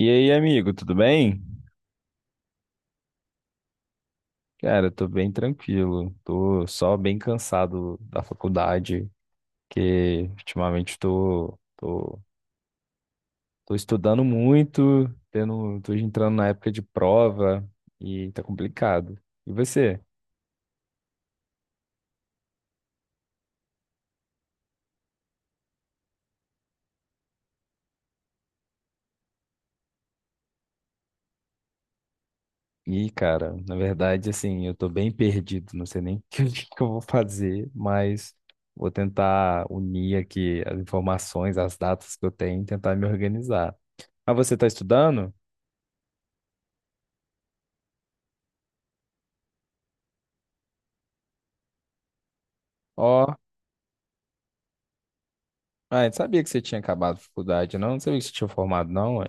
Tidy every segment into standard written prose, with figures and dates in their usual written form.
E aí, amigo, tudo bem? Cara, eu tô bem tranquilo. Tô só bem cansado da faculdade, que ultimamente tô estudando muito, tô entrando na época de prova e tá complicado. E você? E, cara, na verdade, assim, eu tô bem perdido, não sei nem que eu vou fazer, mas vou tentar unir aqui as informações, as datas que eu tenho e tentar me organizar. Ah, você tá estudando? Ó, ah, eu sabia que você tinha acabado a faculdade, não? Não sabia que você tinha formado, não, ué.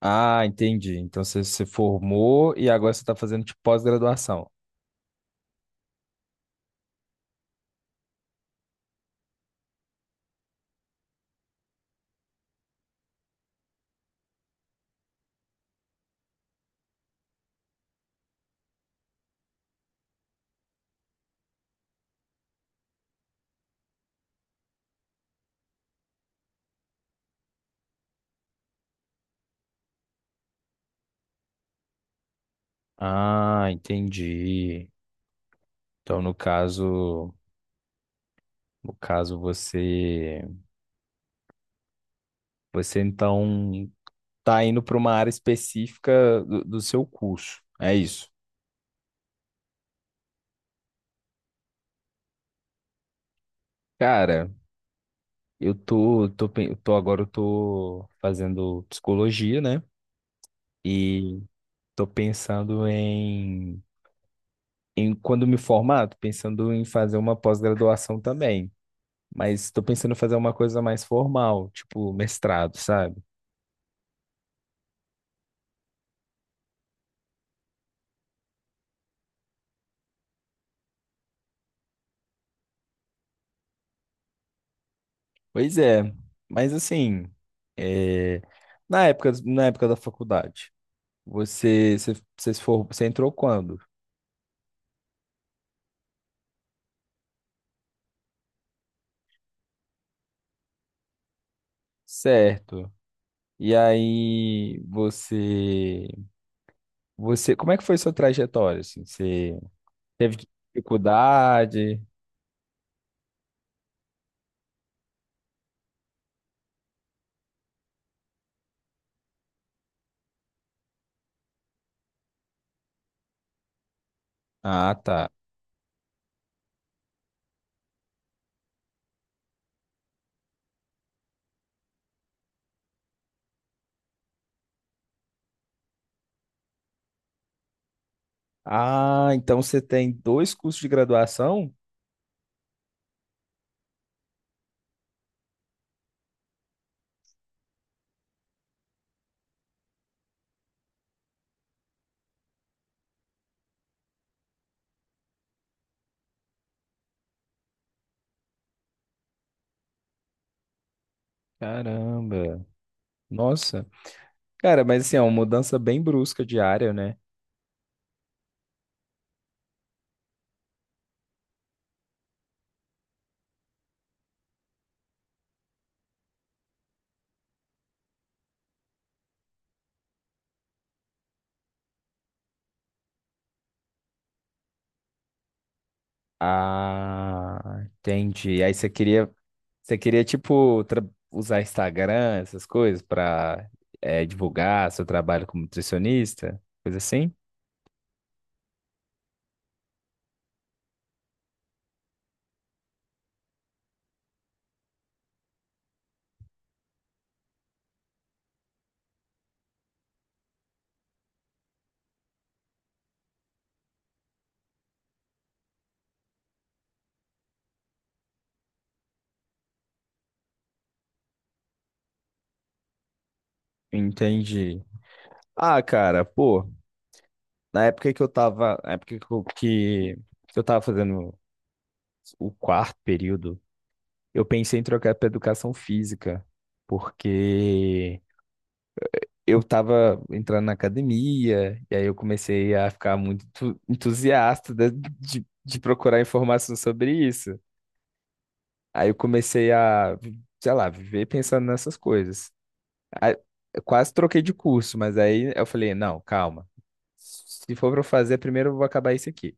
Ah, entendi. Então você se formou e agora você está fazendo tipo pós-graduação. Ah, entendi. Então no caso você então tá indo para uma área específica do seu curso. É isso. Cara, eu tô fazendo psicologia, né? E tô pensando em quando me formar, tô pensando em fazer uma pós-graduação também, mas estou pensando em fazer uma coisa mais formal, tipo mestrado, sabe? Pois é, mas assim, é, na época da faculdade, você, se for, você entrou quando? Certo. E aí, você, como é que foi sua trajetória, assim? Você teve dificuldade? Ah, tá. Ah, então você tem dois cursos de graduação? Caramba. Nossa. Cara, mas assim, é uma mudança bem brusca de área, né? Ah, entendi. Aí você queria tipo usar Instagram, essas coisas pra divulgar seu trabalho como nutricionista, coisa assim? Entendi. Ah, cara, pô, na época que eu tava, na época que eu tava fazendo o quarto período, eu pensei em trocar pra educação física, porque eu tava entrando na academia, e aí eu comecei a ficar muito entusiasta de procurar informação sobre isso. Aí eu comecei a, sei lá, viver pensando nessas coisas. Aí, eu quase troquei de curso, mas aí eu falei, não, calma. Se for para eu fazer, primeiro eu vou acabar isso aqui.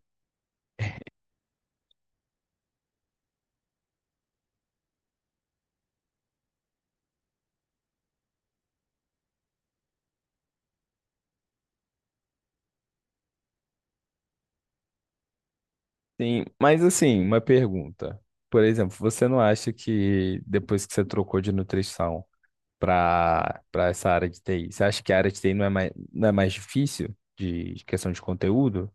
Sim, mas assim, uma pergunta. Por exemplo, você não acha que depois que você trocou de nutrição, para essa área de TI? Você acha que a área de TI não é mais, não é mais difícil de questão de conteúdo?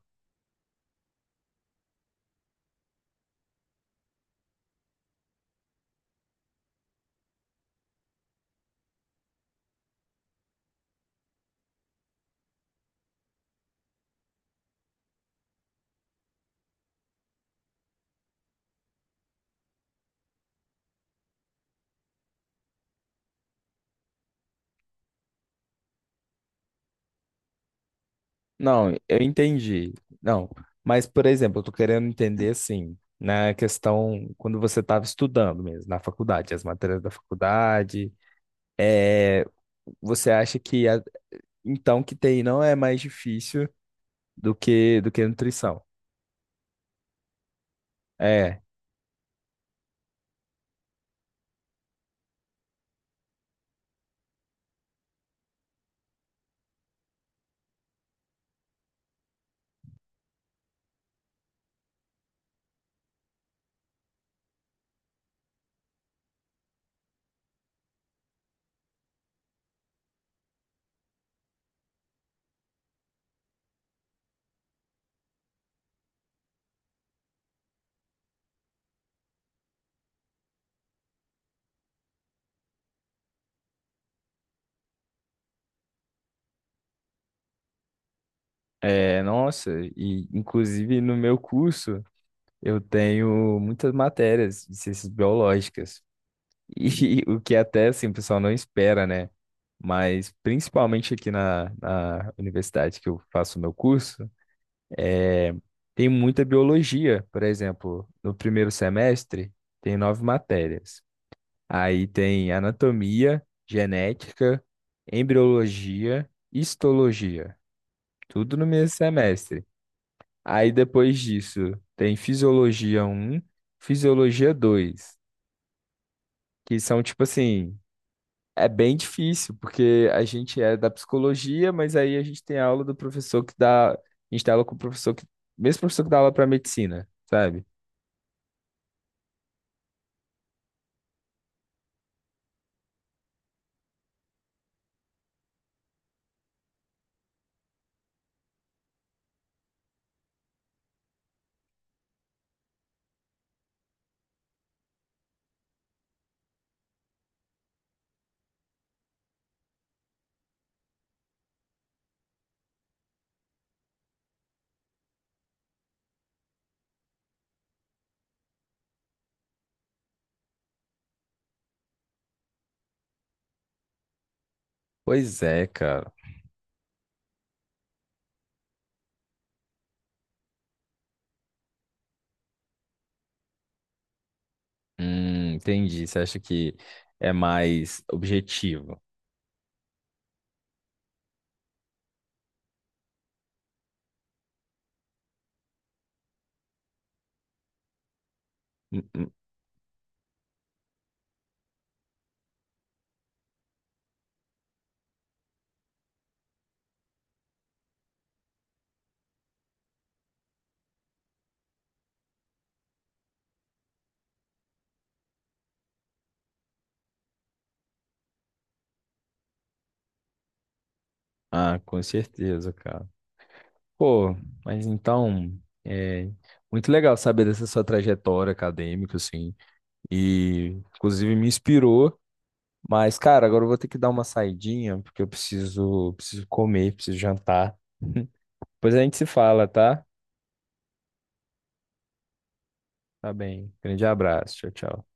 Não, eu entendi. Não, mas, por exemplo, eu tô querendo entender assim, na questão quando você estava estudando mesmo, na faculdade, as matérias da faculdade, é, você acha que então que TI não é mais difícil do que nutrição? É, é, nossa, e inclusive no meu curso eu tenho muitas matérias de ciências biológicas. E o que até assim, o pessoal não espera, né? Mas principalmente aqui na universidade que eu faço o meu curso, é, tem muita biologia. Por exemplo, no primeiro semestre tem nove matérias. Aí tem anatomia, genética, embriologia, histologia. Tudo no mesmo semestre. Aí depois disso tem fisiologia um, fisiologia dois, que são tipo assim, é bem difícil, porque a gente é da psicologia, mas aí a gente tem aula com o professor que, mesmo professor que dá aula para medicina, sabe? Pois é, cara. Entendi. Você acha que é mais objetivo? Hum, hum. Ah, com certeza, cara. Pô, mas então, é muito legal saber dessa sua trajetória acadêmica, assim, e inclusive me inspirou. Mas, cara, agora eu vou ter que dar uma saidinha, porque eu preciso comer, preciso jantar. Depois a gente se fala, tá? Tá bem. Grande abraço. Tchau, tchau.